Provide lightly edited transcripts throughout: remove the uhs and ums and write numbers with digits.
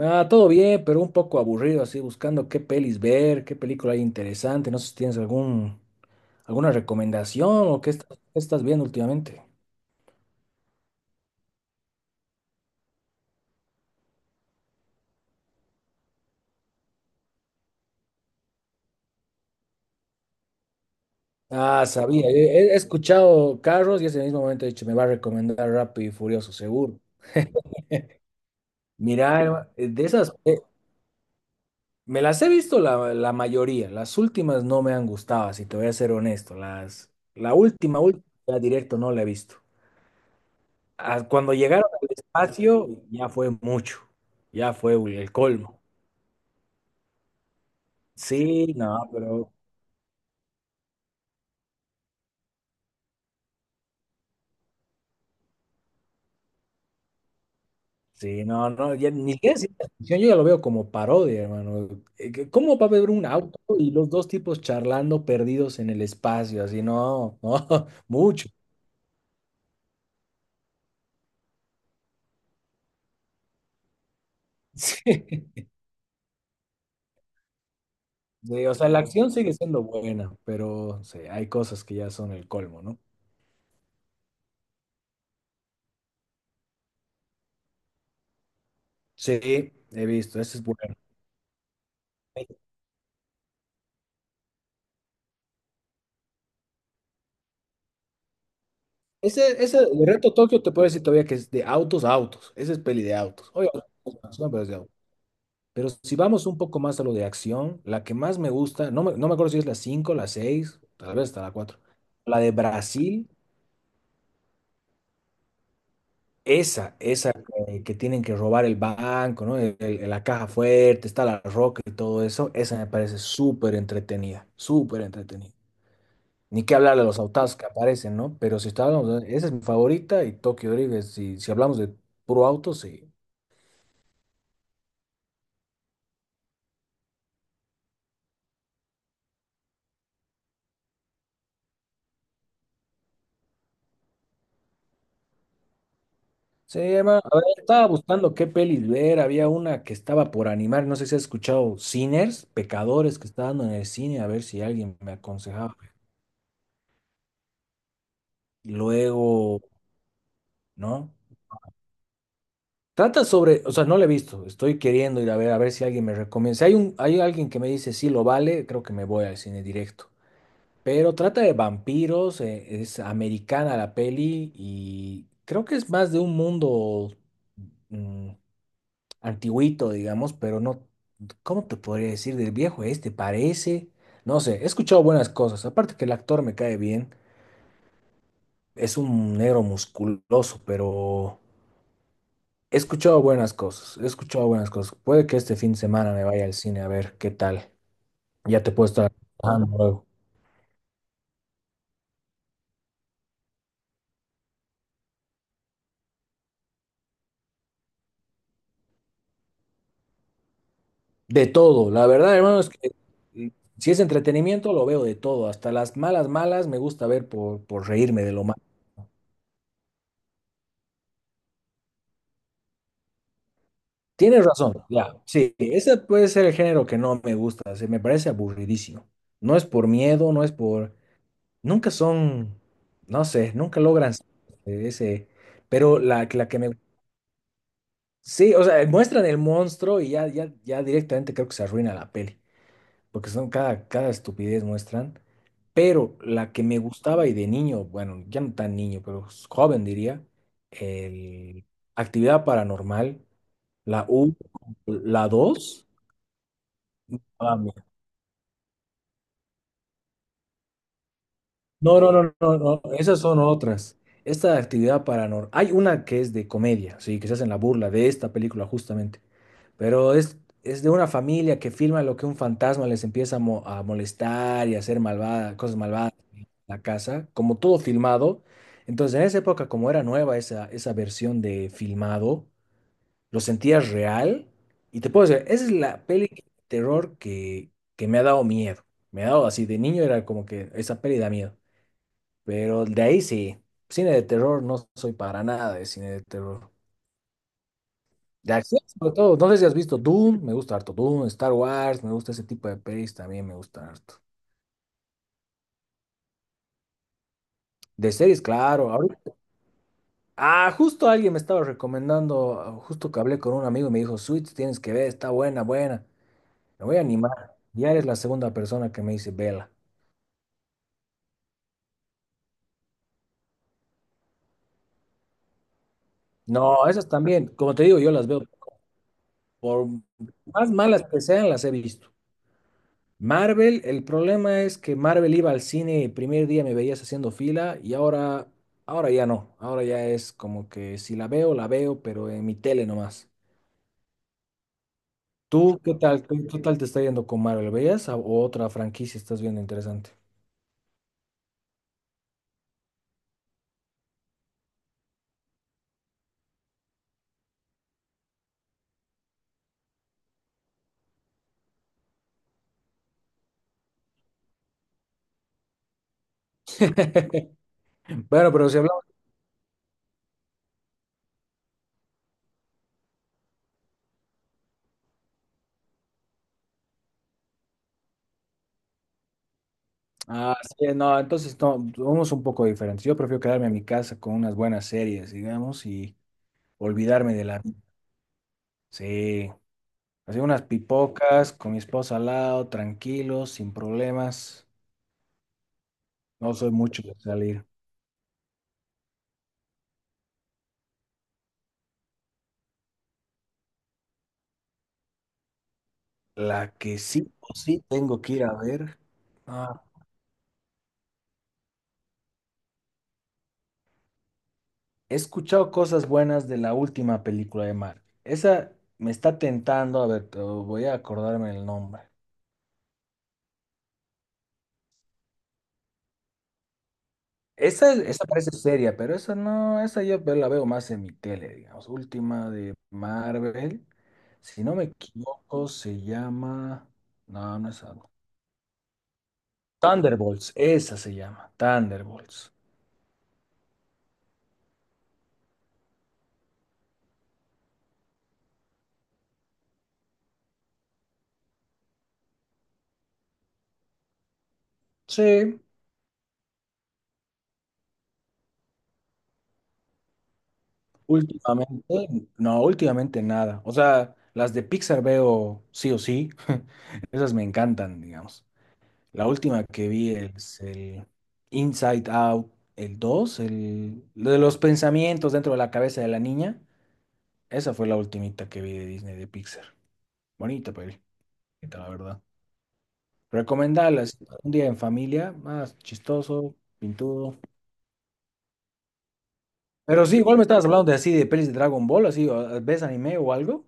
Ah, todo bien, pero un poco aburrido, así buscando qué pelis ver, qué película hay interesante. No sé si tienes alguna recomendación o qué estás viendo últimamente. Ah, sabía, he escuchado Carros y ese mismo momento he dicho, me va a recomendar Rápido y Furioso, seguro. Mira, Eva, de esas, me las he visto la mayoría, las últimas no me han gustado, si te voy a ser honesto. La última, última, ya directo no la he visto. Ah, cuando llegaron al espacio, ya fue mucho, ya fue el colmo. Sí, no, pero sí, no, no, ya ni siquiera es ciencia ficción, yo ya lo veo como parodia, hermano. ¿Cómo va a haber un auto y los dos tipos charlando perdidos en el espacio? Así, no, no, mucho. Sí, sí, o sea, la acción sigue siendo buena, pero sí, hay cosas que ya son el colmo, ¿no? Sí, he visto, eso es bueno. Ese de Reto Tokio te puedo decir todavía que es de autos a autos. Ese es peli de autos. Oye, no, no, no, no, pero es de autos. Pero si vamos un poco más a lo de acción, la que más me gusta, no me acuerdo si es la 5 la 6 tal vez hasta la cuatro. La de Brasil, esa que tienen que robar el banco, ¿no? La caja fuerte, está la roca y todo eso, esa me parece súper entretenida, súper entretenida. Ni que hablar de los autos que aparecen, ¿no? Pero si estábamos, esa es mi favorita y Tokio Drift, es- si hablamos de puro auto, sí. Sí, Emma, a ver, estaba buscando qué pelis ver. Había una que estaba por animar. No sé si has escuchado Sinners, Pecadores, que está dando en el cine, a ver si alguien me aconsejaba. Y luego, ¿no? Trata sobre, o sea, no la he visto. Estoy queriendo ir a ver si alguien me recomienda. Si hay un, hay alguien que me dice sí lo vale, creo que me voy al cine directo. Pero trata de vampiros, es americana la peli y creo que es más de un mundo. mm, antiguito, digamos, pero no, ¿cómo te podría decir del viejo este? Parece, no sé, he escuchado buenas cosas, aparte que el actor me cae bien, es un negro musculoso, pero he escuchado buenas cosas, he escuchado buenas cosas. Puede que este fin de semana me vaya al cine a ver qué tal, ya te puedo estar contando luego. De todo, la verdad, hermano, es que eh, si es entretenimiento, lo veo de todo, hasta las malas, malas, me gusta ver por reírme de lo malo. Tienes razón, ya, sí, ese puede ser el género que no me gusta, se me parece aburridísimo. No es por miedo, no es por... Nunca son, no sé, nunca logran ese, pero la que me... Sí, o sea, muestran el monstruo y ya, ya, ya directamente creo que se arruina la peli, porque son cada, cada estupidez muestran, pero la que me gustaba y de niño, bueno, ya no tan niño, pero joven diría, el Actividad Paranormal, la U, la 2. Vamos. No, no, no, no, no, esas son otras. Esta actividad paranormal, hay una que es de comedia, sí, que se hacen la burla de esta película justamente, pero es de una familia que filma lo que un fantasma les empieza a, mo- a molestar y a hacer malvada, cosas malvadas en la casa, como todo filmado. Entonces, en esa época, como era nueva esa, esa versión de filmado, lo sentías real y te puedo decir, esa es la peli de terror que me ha dado miedo. Me ha dado así, de niño era como que esa peli da miedo. Pero de ahí sí, cine de terror no soy para nada de cine de terror. De acción sobre todo, no sé si has visto Doom, me gusta harto Doom, Star Wars, me gusta ese tipo de pelis, también me gusta harto. De series, claro. Ahorita- ah, justo alguien me estaba recomendando, ah, justo que hablé con un amigo y me dijo, Suits, tienes que ver, está buena, buena. Me voy a animar. Ya eres la segunda persona que me dice, vela. No, esas también, como te digo, yo las veo, por más malas que sean, las he visto. Marvel, el problema es que Marvel iba al cine, el primer día me veías haciendo fila y ahora, ahora ya no. Ahora ya es como que si la veo, la veo, pero en mi tele nomás. ¿Tú qué tal? Qué tal te está yendo con Marvel? ¿Veías a- o otra franquicia estás viendo interesante? Bueno, pero si hablamos. Ah, sí, no, entonces no, somos un poco diferentes. Yo prefiero quedarme en mi casa con unas buenas series, digamos, y olvidarme de la vida. Sí, así unas pipocas con mi esposa al lado, tranquilos, sin problemas. No soy mucho de salir. La que sí o sí tengo que ir a ver. Ah, he escuchado cosas buenas de la última película de Marvel. Esa me está tentando, a ver, te- voy a acordarme el nombre. Esa parece seria, pero esa no, esa yo ve- la veo más en mi tele, digamos. Última de Marvel. Si no me equivoco, se llama. No, no es algo. Thunderbolts, esa se llama. Thunderbolts. Sí, últimamente, no, últimamente nada. O sea, las de Pixar veo sí o sí. Esas me encantan, digamos. La última que vi es el Inside Out, el 2 el lo de los pensamientos dentro de la cabeza de la niña. Esa fue la ultimita que vi de Disney de Pixar. Bonita peli, bonita, la verdad. Recomendarla si no, un día en familia, más chistoso, pintudo. Pero sí, igual me estabas hablando de así de pelis de Dragon Ball, así, o- ¿ves anime o algo?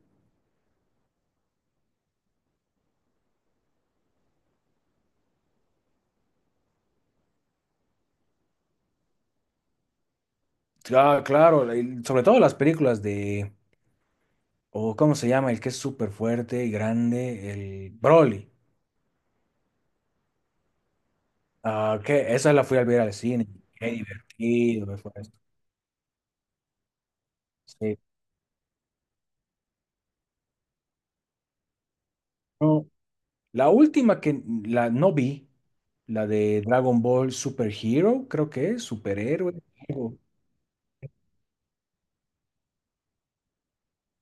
Ah, claro, el- sobre todo las películas de, o ¿cómo se llama? El que es súper fuerte y grande, el Broly. Ah, que esa la fui a ver al cine. Qué divertido me fue esto. Sí. No, la última que la no vi, la de Dragon Ball Super Hero, creo que es, superhéroe. Algo.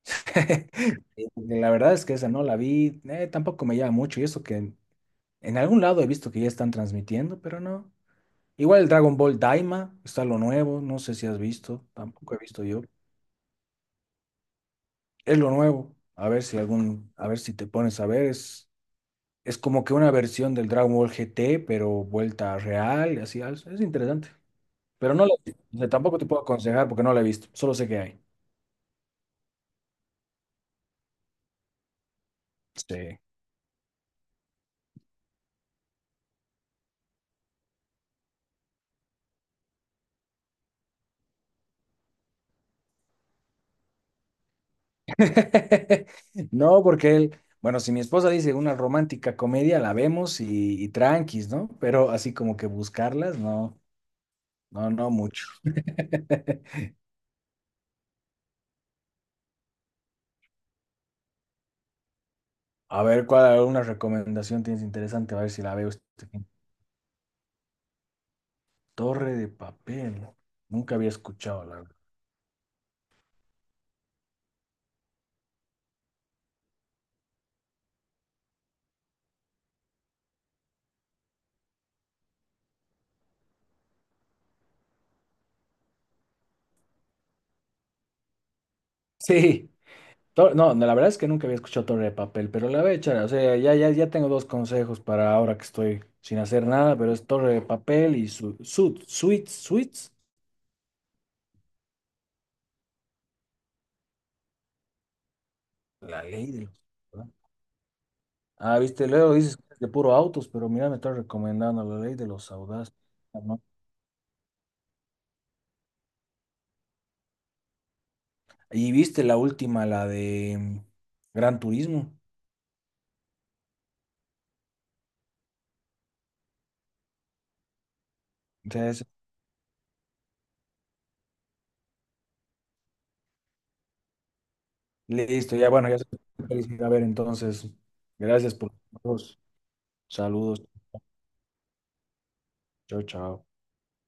La verdad es que esa no la vi, tampoco me llama mucho y eso que en algún lado he visto que ya están transmitiendo, pero no. Igual el Dragon Ball Daima está lo nuevo, no sé si has visto, tampoco he visto yo. Es lo nuevo. A ver si algún, a ver si te pones a ver, es como que una versión del Dragon Ball GT, pero vuelta real, y así, es interesante. Pero no lo, o sea, tampoco te puedo aconsejar porque no la he visto, solo sé que hay. Sí. No, porque él, bueno, si mi esposa dice una romántica comedia, la vemos y tranquis, ¿no? Pero así como que buscarlas, no, no, no mucho. A ver, ¿cuál alguna recomendación tienes interesante? A ver si la veo. Este fin. Torre de papel. Nunca había escuchado, la verdad. Sí. Tor- no, no, la verdad es que nunca había escuchado Torre de papel, pero la voy a echar. O sea, ya, ya, ya tengo dos consejos para ahora que estoy sin hacer nada, pero es Torre de papel y Suits, Suits. La ley de los. ¿Verdad? Ah, viste, luego dices que es de puro autos, pero mira, me estás recomendando la ley de los audaces. ¿No? Y viste la última, la de Gran Turismo. O sea, es- listo, ya bueno, ya se puede a ver entonces. Gracias por todos. Saludos. Chao, chao.